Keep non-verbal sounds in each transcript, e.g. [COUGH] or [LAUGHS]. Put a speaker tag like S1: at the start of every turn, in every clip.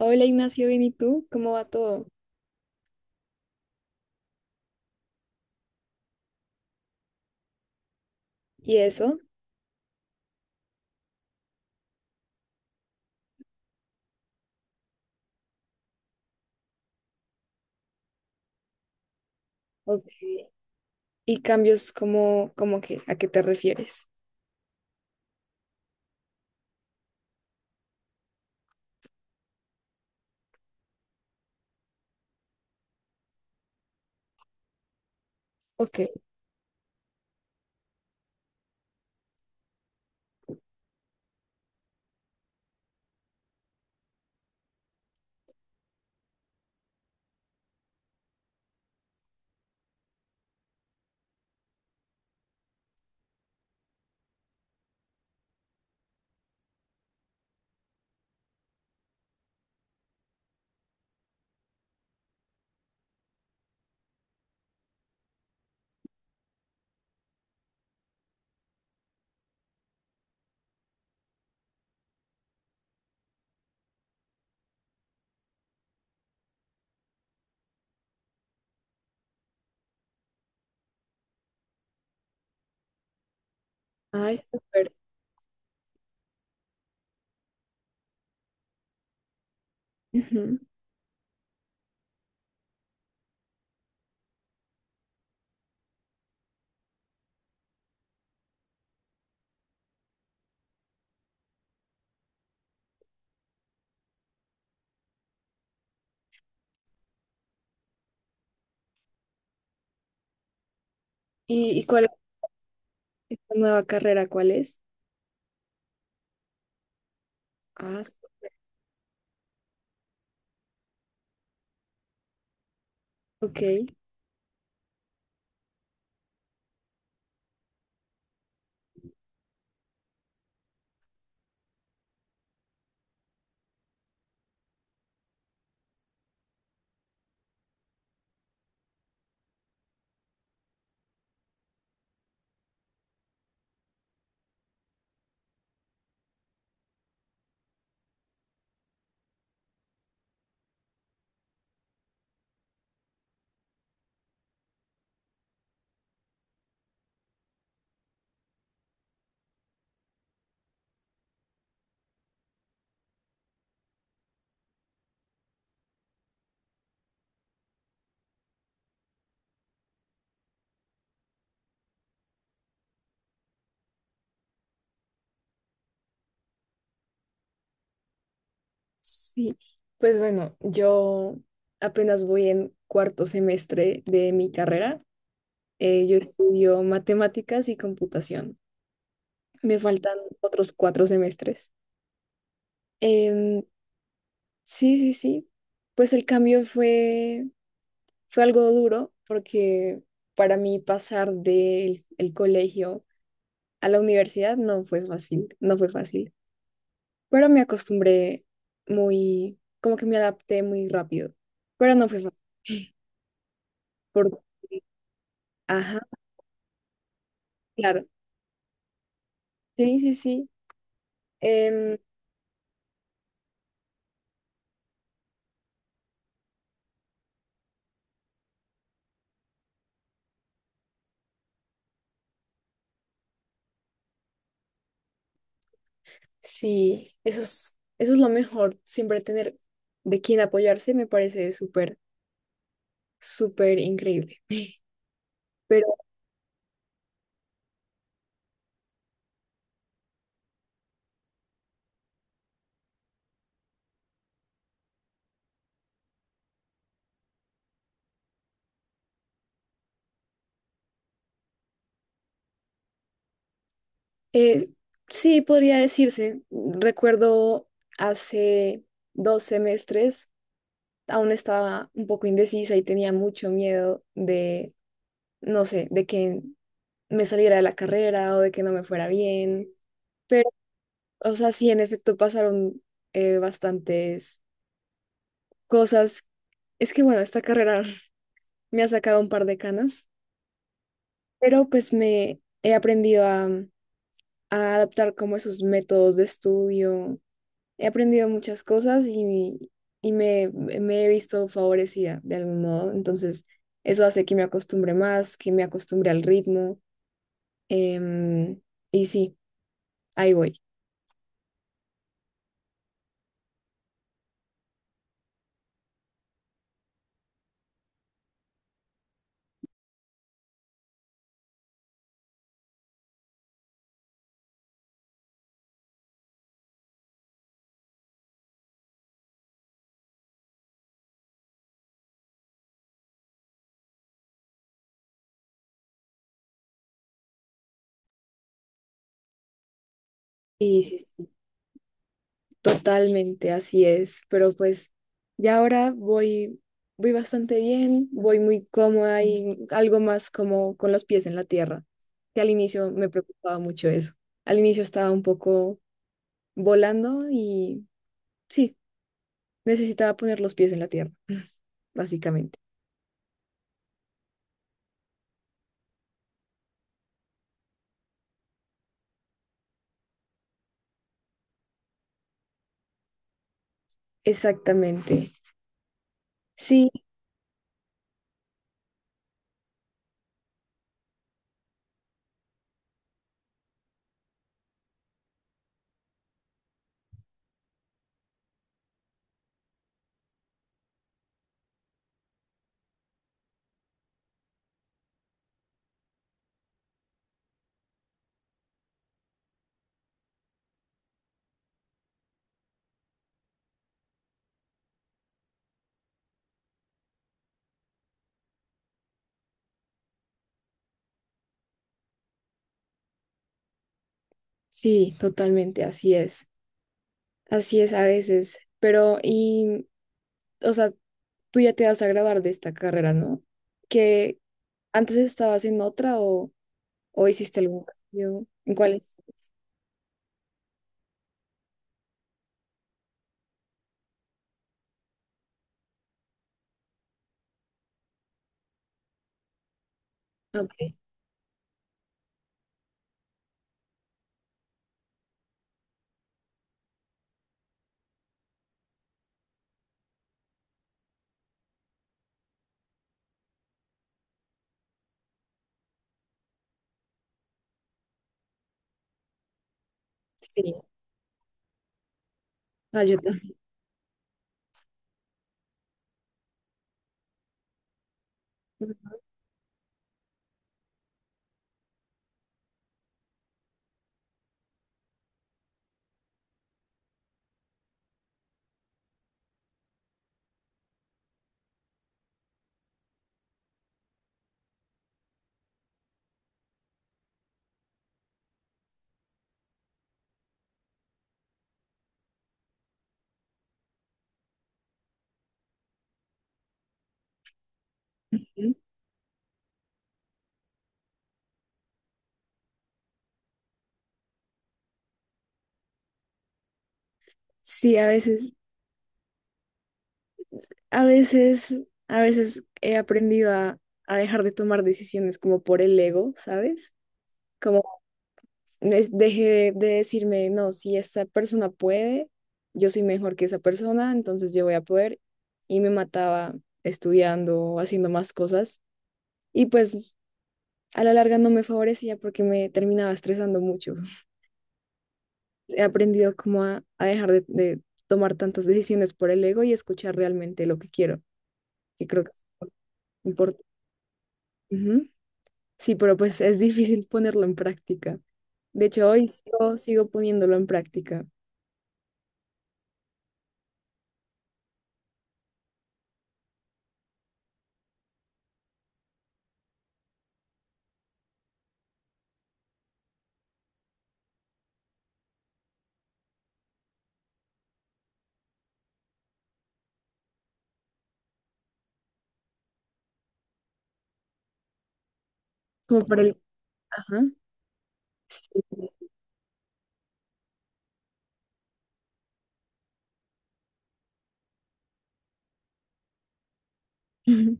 S1: Hola Ignacio, bien, ¿y tú? ¿Cómo va todo? ¿Y eso? Ok. ¿Y cambios como, a qué te refieres? Ok. Ay, súper. Ujú. ¿Y cuál es esta nueva carrera? ¿Cuál es? Ah, s- ok. Sí. Pues bueno, yo apenas voy en 4.º semestre de mi carrera. Yo estudio matemáticas y computación. Me faltan otros 4 semestres. Em, sí, sí, sí. Pues el cambio fue, fue algo duro porque para mí pasar del el colegio a la universidad no fue fácil, no fue fácil, pero me acostumbré muy, como que me adapté muy rápido, pero no fue fácil. [LAUGHS] Porque, ajá, claro, sí, sí, sí. Em, sí, eso es lo mejor, siempre tener de quién apoyarse me parece súper, súper increíble. Pero Eh, sí, podría decirse. Recuerdo hace 2 semestres, aún estaba un poco indecisa y tenía mucho miedo de, no sé, de que me saliera de la carrera o de que no me fuera bien. Pero, o sea, sí, en efecto pasaron, bastantes cosas. Es que, bueno, esta carrera [LAUGHS] me ha sacado un par de canas, pero pues me he aprendido a adaptar como esos métodos de estudio. He aprendido muchas cosas y, y me he visto favorecida de algún modo. Entonces, eso hace que me acostumbre más, que me acostumbre al ritmo. em, y sí, ahí voy. Y sí, sí, totalmente así es. Pero pues ya ahora voy, voy bastante bien, voy muy cómoda y algo más como con los pies en la tierra, que al inicio me preocupaba mucho eso. Al inicio estaba un poco volando y sí, necesitaba poner los pies en la tierra. Básicamente. Exactamente. Sí, sí, totalmente, así es. Así es a veces. Pero, y, o sea, tú ya te vas a graduar de esta carrera, ¿no? Que antes estabas en otra o hiciste algún cambio. ¿En cuál estás? Ok, sí. Ah, yo también. Ujú. Sí, a veces, a veces, a veces he aprendido a dejar de tomar decisiones como por el ego, ¿sabes? Es- deje de decirme, no, si esta persona puede, yo soy mejor que esa persona, entonces yo voy a poder. Y me mataba estudiando, haciendo más cosas. Y pues a la larga no me favorecía porque me terminaba estresando mucho. [LAUGHS] He aprendido como a, a dejar de tomar tantas decisiones por el ego y escuchar realmente lo que quiero, que creo que es importante. Ujú. Sí, pero pues es difícil ponerlo en práctica. De hecho, hoy sigo, sigo poniéndolo en práctica. Como para el... Ajá. Sí. [LAUGHS] Ujú.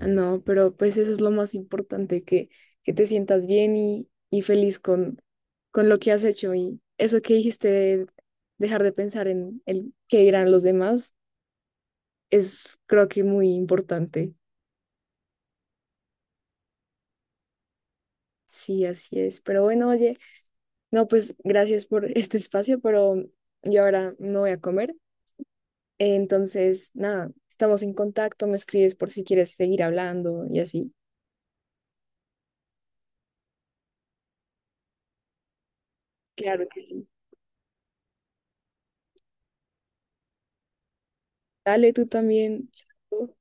S1: No, pero pues eso es lo más importante, que te sientas bien y feliz con lo que has hecho. Y eso que dijiste de dejar de pensar en el qué dirán los demás es creo que muy importante. Sí, así es. Pero bueno, oye, no, pues gracias por [LAUGHS] este espacio, pero yo ahora me voy a comer. Entonces, nada, estamos en contacto, me escribes por si quieres seguir hablando y así. Claro que sí. Dale, tú también. Chao.